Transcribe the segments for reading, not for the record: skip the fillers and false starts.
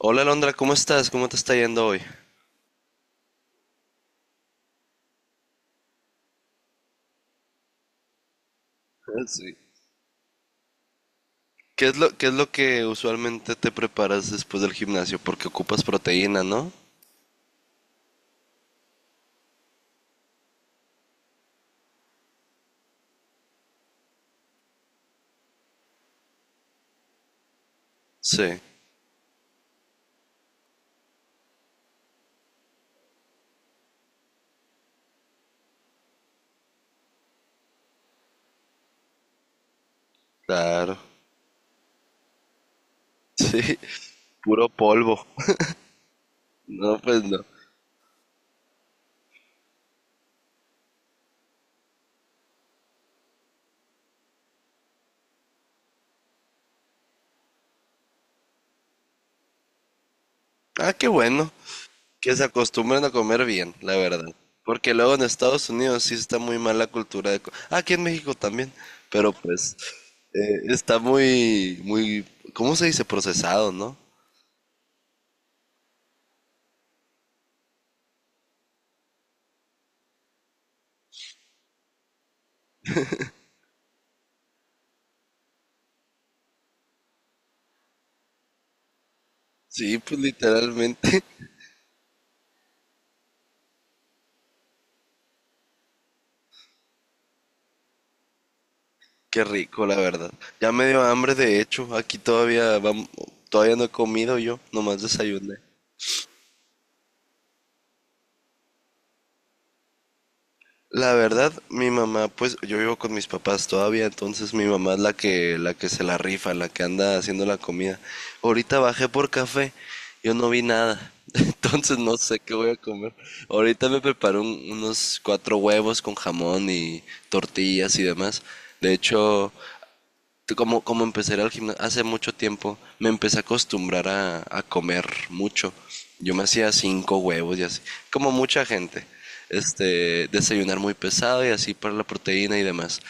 Hola Alondra, ¿cómo estás? ¿Cómo te está yendo hoy? Sí. ¿Qué es lo que usualmente te preparas después del gimnasio? Porque ocupas proteína, ¿no? Sí, claro. Sí, puro polvo. No, pues no. Ah, qué bueno. Que se acostumbren a comer bien, la verdad. Porque luego en Estados Unidos sí está muy mal la cultura de. Ah, aquí en México también. Pero pues está muy, muy, ¿cómo se dice? Procesado, ¿no? Sí, pues literalmente. Qué rico, la verdad. Ya me dio hambre, de hecho. Aquí todavía todavía no he comido yo, nomás desayuné. La verdad, mi mamá, pues yo vivo con mis papás todavía, entonces mi mamá es la que se la rifa, la que anda haciendo la comida. Ahorita bajé por café, yo no vi nada. Entonces no sé qué voy a comer. Ahorita me preparó unos cuatro huevos con jamón y tortillas y demás. De hecho, tú como empecé a ir al gimnasio hace mucho tiempo, me empecé a acostumbrar a comer mucho. Yo me hacía cinco huevos y así, como mucha gente. Este, desayunar muy pesado y así para la proteína y demás.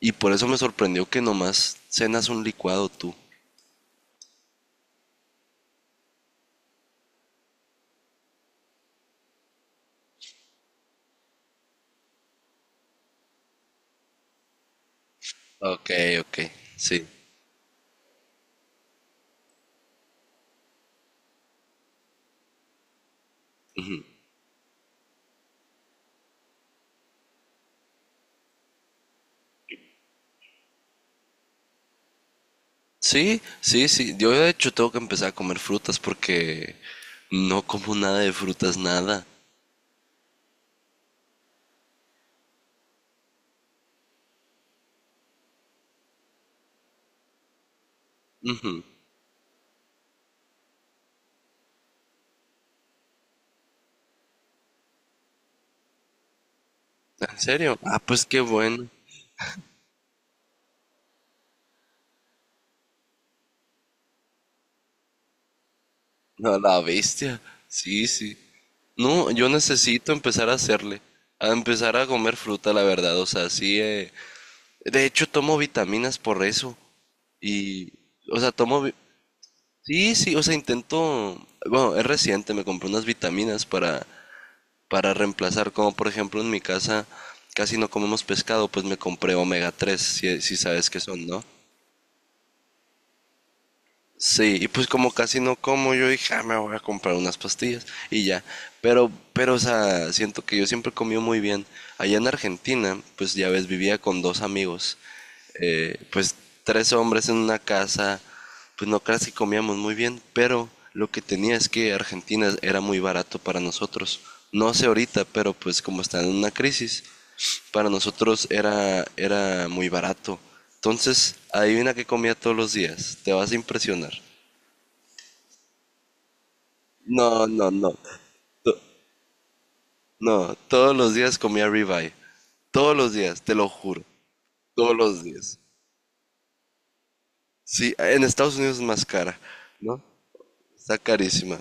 Y por eso me sorprendió que nomás cenas un licuado tú. Ok, ok, sí. Sí, sí, sí. Yo de hecho tengo que empezar a comer frutas porque no como nada de frutas, nada. Ujú. ¿En serio? Ah, pues qué bueno. No, la bestia. Sí, sí. No, yo necesito empezar a hacerle, a empezar a comer fruta, la verdad. O sea, sí. De hecho, tomo vitaminas por eso. Y, o sea, tomo. Sí, sí, o sea, intento. Bueno, es reciente, me compré unas vitaminas para reemplazar. Como por ejemplo en mi casa casi no comemos pescado, pues me compré omega 3, si sabes qué son, ¿no? Sí, y pues como casi no como, yo dije, ah, me voy a comprar unas pastillas y ya. Pero, o sea, siento que yo siempre he comido muy bien. Allá en Argentina, pues ya ves, vivía con dos amigos, pues tres hombres en una casa, pues no casi comíamos muy bien, pero lo que tenía es que Argentina era muy barato para nosotros. No sé ahorita, pero pues como está en una crisis, para nosotros era muy barato. Entonces, adivina qué comía todos los días, te vas a impresionar. No, no, no. To- No, todos los días comía ribeye. Todos los días, te lo juro. Todos los días. Sí, en Estados Unidos es más cara, ¿no? Está carísima.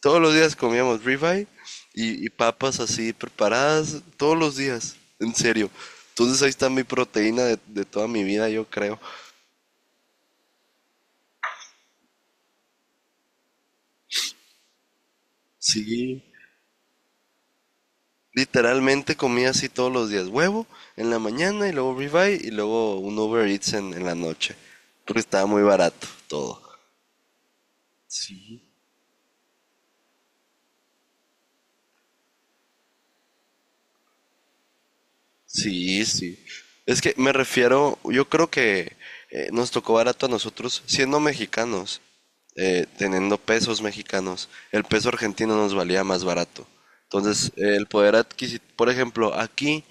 Todos los días comíamos ribeye y papas así preparadas, todos los días, en serio. Entonces ahí está mi proteína de toda mi vida, yo creo. Sí, literalmente comía así todos los días. Huevo en la mañana y luego ribeye y luego un Uber Eats en la noche. Porque estaba muy barato todo. Sí, sí, sí. Es que me refiero, yo creo que nos tocó barato a nosotros siendo mexicanos, teniendo pesos mexicanos. El peso argentino nos valía más barato. Entonces, el poder adquisitivo, por ejemplo, aquí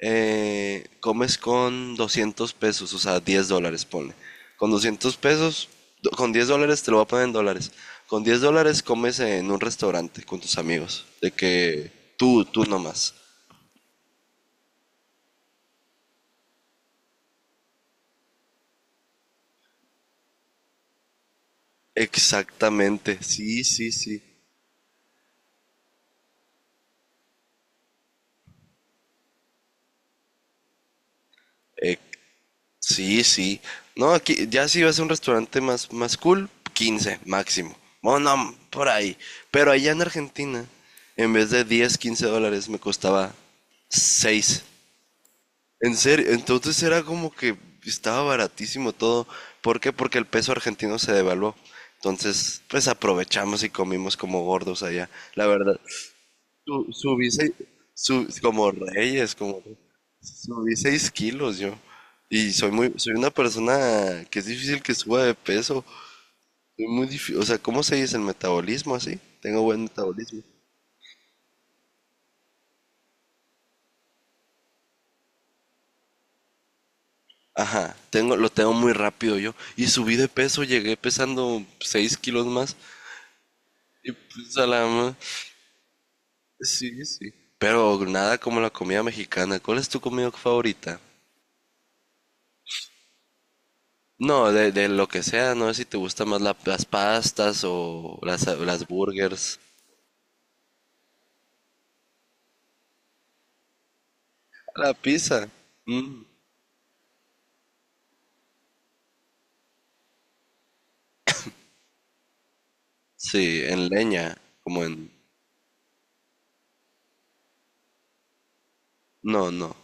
comes con 200 pesos, o sea, $10, ponle. Con 200 pesos, con $10, te lo voy a poner en dólares. Con $10 comes en un restaurante con tus amigos, de que tú nomás. Exactamente, sí, sí, sí. Eh, sí, sí. No, aquí ya si vas a un restaurante más cool, 15 máximo. Bueno, no, por ahí. Pero allá en Argentina, en vez de 10 $15, me costaba 6. En serio, entonces era como que estaba baratísimo todo. ¿Por qué? Porque el peso argentino se devaluó. Entonces, pues aprovechamos y comimos como gordos allá. La verdad, subí seis, como reyes, como subí 6 kilos yo. Y soy una persona que es difícil que suba de peso. Soy muy difícil, o sea, ¿cómo se dice el metabolismo así? Tengo buen metabolismo. Ajá, lo tengo muy rápido yo. Y subí de peso, llegué pesando 6 kilos más. Y pues a la ma- Sí, sí. Pero nada como la comida mexicana. ¿Cuál es tu comida favorita? No, de lo que sea, no sé si te gustan más las pastas o las burgers. La pizza. Mm, sí, en leña, como en. No, no.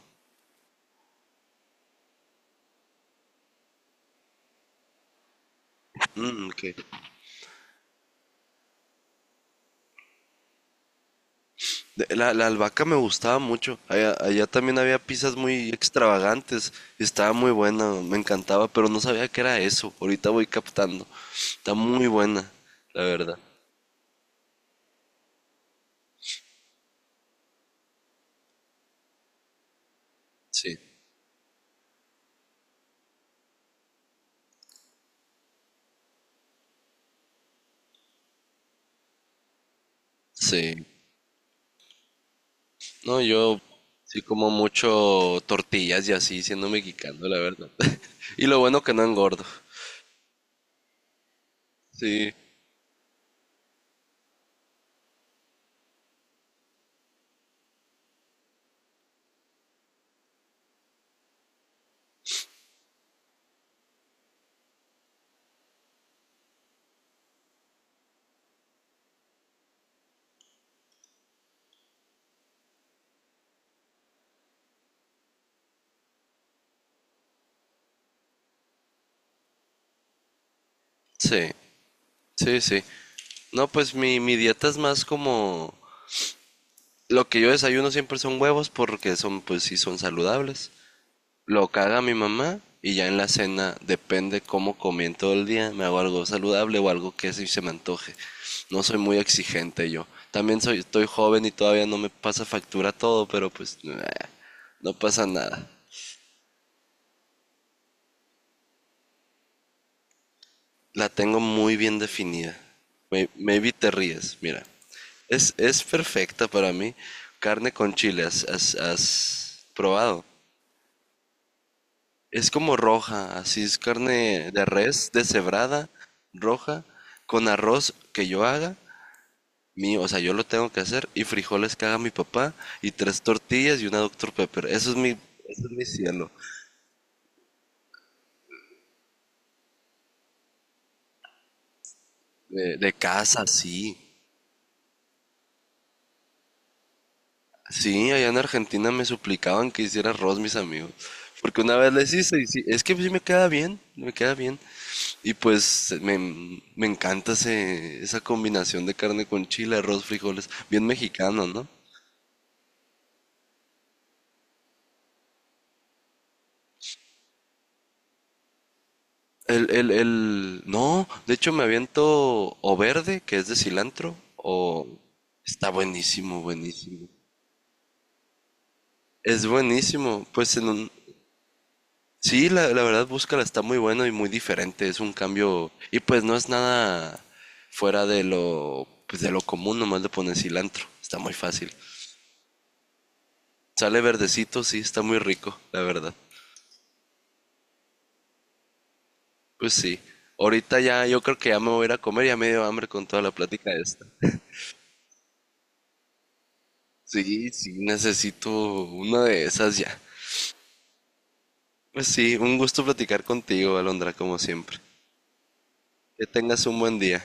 Mm, ok. La albahaca me gustaba mucho. Allá también había pizzas muy extravagantes. Estaba muy buena, me encantaba, pero no sabía que era eso. Ahorita voy captando. Está muy buena, la verdad. Sí, sí. No, yo sí como mucho tortillas y así, siendo mexicano, la verdad. Y lo bueno que no engordo. Sí, sí, sí, sí. No, pues mi dieta es más como. Lo que yo desayuno siempre son huevos porque son, pues sí, son saludables. Lo que haga mi mamá y ya en la cena, depende cómo comí en todo el día, me hago algo saludable o algo que sí se me antoje. No soy muy exigente yo. También estoy joven y todavía no me pasa factura todo, pero pues no pasa nada. La tengo muy bien definida. Maybe te ríes, mira. Es perfecta para mí. Carne con chile, ¿has probado? Es como roja, así es carne de res, deshebrada, roja, con arroz que yo haga, mío, o sea, yo lo tengo que hacer, y frijoles que haga mi papá, y tres tortillas y una Doctor Pepper. Eso es mi cielo. De casa, sí. Sí, allá en Argentina me suplicaban que hiciera arroz mis amigos, porque una vez les hice y sí, es que sí me queda bien, me queda bien. Y pues me encanta esa combinación de carne con chile, arroz, frijoles, bien mexicano, ¿no? No, de hecho me aviento o verde, que es de cilantro, o está buenísimo, buenísimo. Es buenísimo, pues en un. Sí, la verdad, búscala, está muy bueno y muy diferente. Es un cambio. Y pues no es nada fuera de lo, pues, de lo común, nomás le pones cilantro. Está muy fácil. Sale verdecito, sí, está muy rico, la verdad. Pues sí. Ahorita ya, yo creo que ya me voy a ir a comer, ya me dio hambre con toda la plática esta. Sí, sí, necesito una de esas ya. Pues sí, un gusto platicar contigo, Alondra, como siempre. Que tengas un buen día.